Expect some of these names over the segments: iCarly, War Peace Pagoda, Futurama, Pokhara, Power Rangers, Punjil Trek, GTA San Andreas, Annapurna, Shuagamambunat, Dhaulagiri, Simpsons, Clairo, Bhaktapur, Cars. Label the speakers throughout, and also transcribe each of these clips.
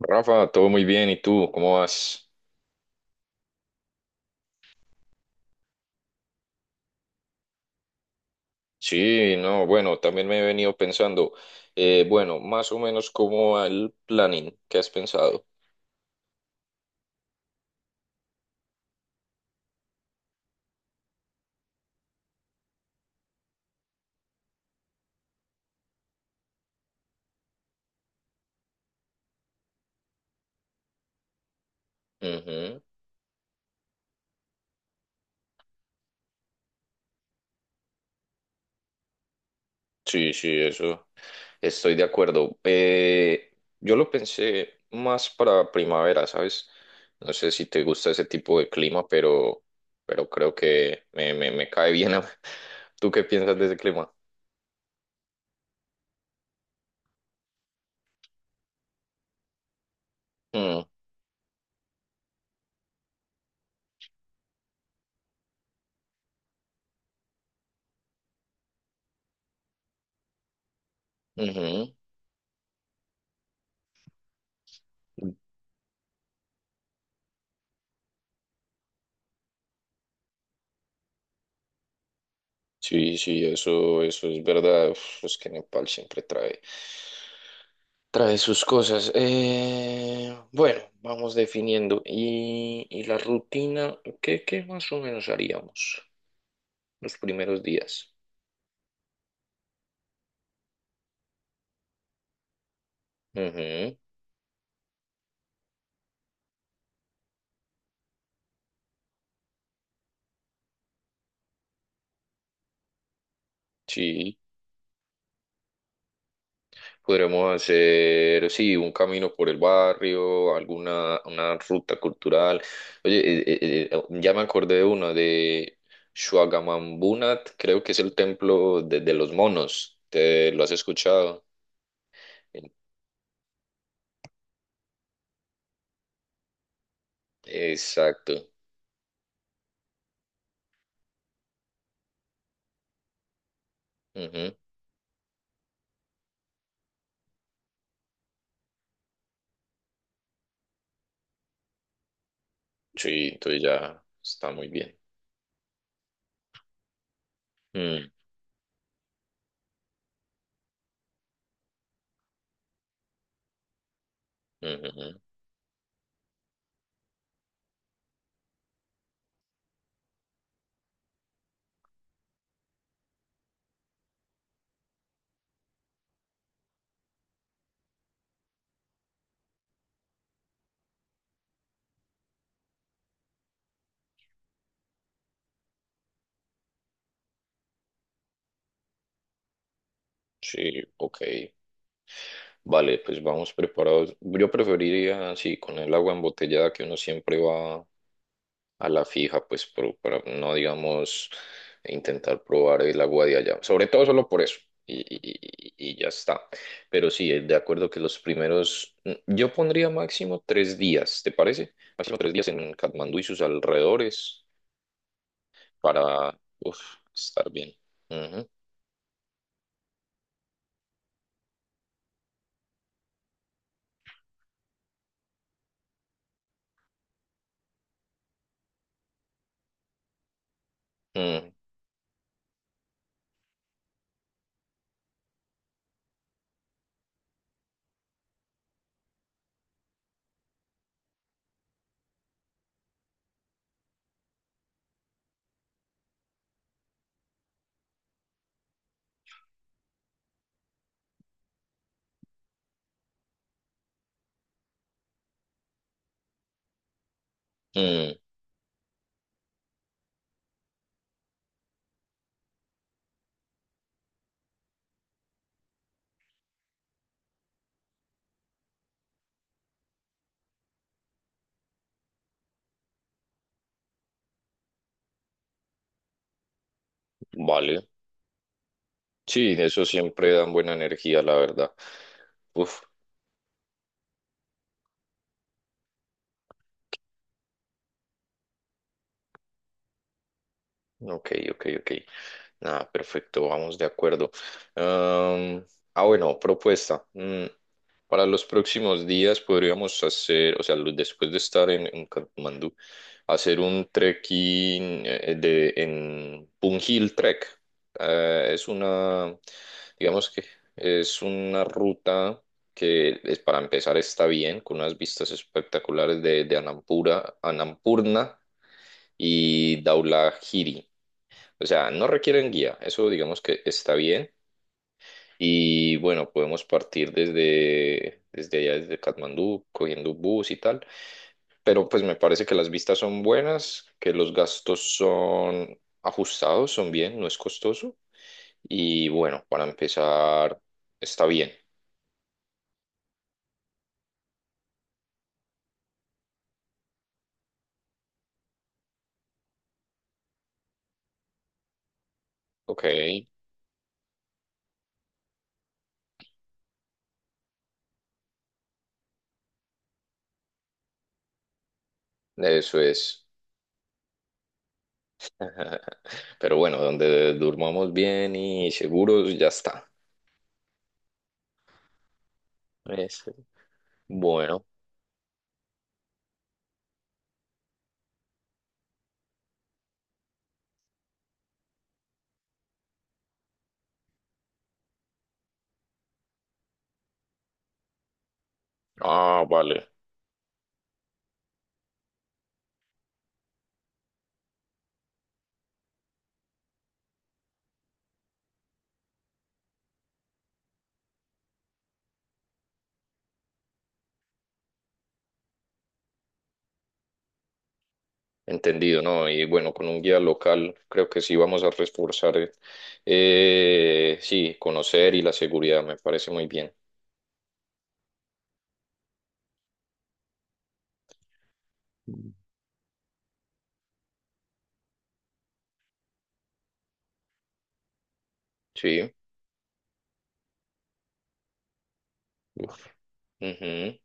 Speaker 1: Rafa, todo muy bien. ¿Y tú? ¿Cómo vas? Sí, no, bueno, también me he venido pensando, bueno, más o menos cómo va el planning que has pensado. Ujú. Sí, sí, eso. Estoy de acuerdo. Yo lo pensé más para primavera, ¿sabes? No sé si te gusta ese tipo de clima, pero creo que me cae bien. ¿Tú qué piensas de ese clima? Mm, ujú. Sí, sí, eso es verdad. Uf, es que Nepal siempre trae. Trae sus cosas. Bueno, vamos definiendo. Y la rutina, ¿qué, qué más o menos haríamos los primeros días? Ujú, sí, podremos hacer, sí, un camino por el barrio, alguna una ruta cultural. Oye, ya me acordé de uno, de Shuagamambunat, creo que es el templo de los monos. ¿Te lo has escuchado? Exacto. Ujú. Sí, entonces ya está muy bien. Mm, ujujú. Sí, ok. Vale, pues vamos preparados. Yo preferiría, sí, con el agua embotellada que uno siempre va a la fija, pues para no, digamos, intentar probar el agua de allá. Sobre todo solo por eso. Y, y ya está. Pero sí, de acuerdo que los primeros, mm, yo pondría máximo 3 días, ¿te parece? Máximo 3 días en Katmandú y sus alrededores para, uf, estar bien. Ujú. Ujú. Mm, vale. Sí, eso siempre dan buena energía, la verdad. Uf, ok, ok, ok. Ah, perfecto, vamos de acuerdo. Am, ah, bueno, propuesta. Mm, para los próximos días podríamos hacer, o sea, después de estar en Katmandú, hacer un trekking en Punjil Trek. Es una, digamos que es una ruta que es, para empezar está bien, con unas vistas espectaculares de Anampura, Annapurna y Dhaulagiri. O sea, no requieren guía, eso digamos que está bien. Y bueno, podemos partir desde, desde allá, desde Katmandú, cogiendo bus y tal. Pero pues me parece que las vistas son buenas, que los gastos son ajustados, son bien, no es costoso. Y bueno, para empezar, está bien. Ok, eso es. Pero bueno, donde durmamos bien y seguros, ya está. Eso. Bueno, ah, vale. Entendido, ¿no? Y bueno, con un guía local creo que sí vamos a reforzar, sí, conocer y la seguridad, me parece muy bien. Mm. Sí. Uf. Ujú,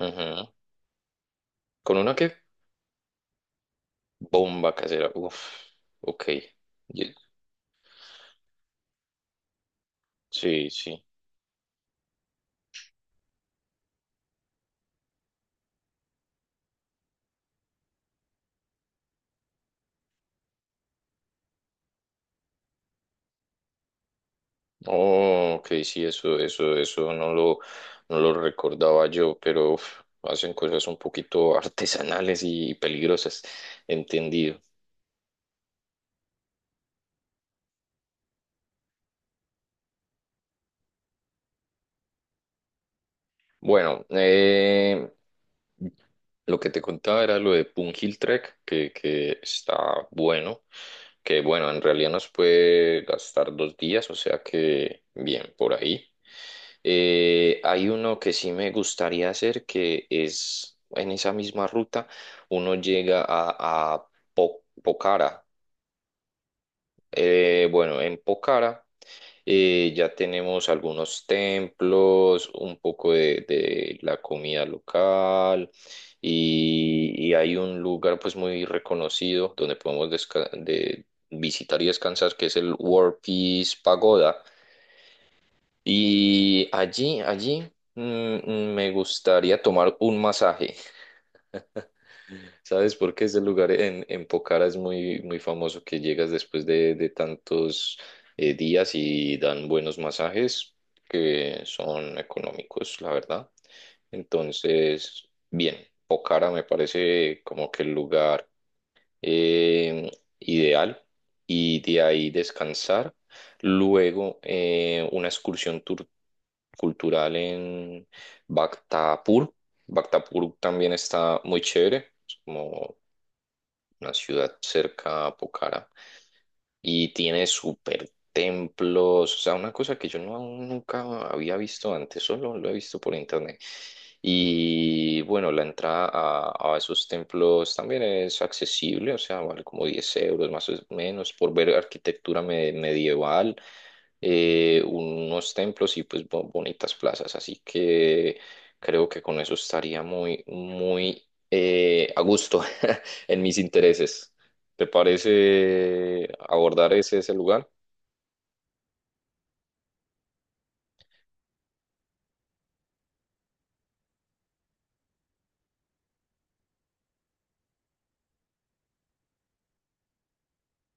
Speaker 1: ujú. Con una que bomba casera. Uf, ok. Ye- Sí, sí. Oh, ok, sí, eso no lo, no lo recordaba yo, pero uf, hacen cosas un poquito artesanales y peligrosas. Entendido. Bueno, lo que te contaba era lo de Pungil Trek, que está bueno, que bueno, en realidad nos puede gastar 2 días, o sea que bien, por ahí. Hay uno que sí me gustaría hacer, que es en esa misma ruta, uno llega a Pokhara. Bueno, en Pokhara. Ya tenemos algunos templos, un poco de la comida local y hay un lugar pues muy reconocido donde podemos de visitar y descansar que es el War Peace Pagoda. Y allí, allí mm, me gustaría tomar un masaje. ¿Sabes por qué ese lugar en Pokhara es muy, muy famoso que llegas después de tantos días y dan buenos masajes que son económicos, la verdad? Entonces, bien, Pokhara me parece como que el lugar eh, ideal y de ahí descansar. Luego, una excursión cultural en Bhaktapur. Bhaktapur también está muy chévere, es como una ciudad cerca a Pokhara, y tiene super templos, o sea, una cosa que yo no, nunca había visto antes, solo lo he visto por internet. Y bueno, la entrada a esos templos también es accesible, o sea, vale como 10 euros más o menos por ver arquitectura medieval, unos templos y pues bonitas plazas. Así que creo que con eso estaría muy, muy a gusto en mis intereses. ¿Te parece abordar ese, ese lugar?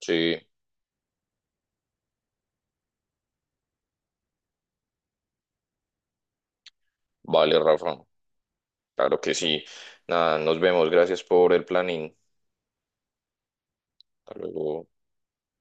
Speaker 1: Sí, vale, Rafa. Claro que sí. Nada, nos vemos. Gracias por el planning. Hasta luego.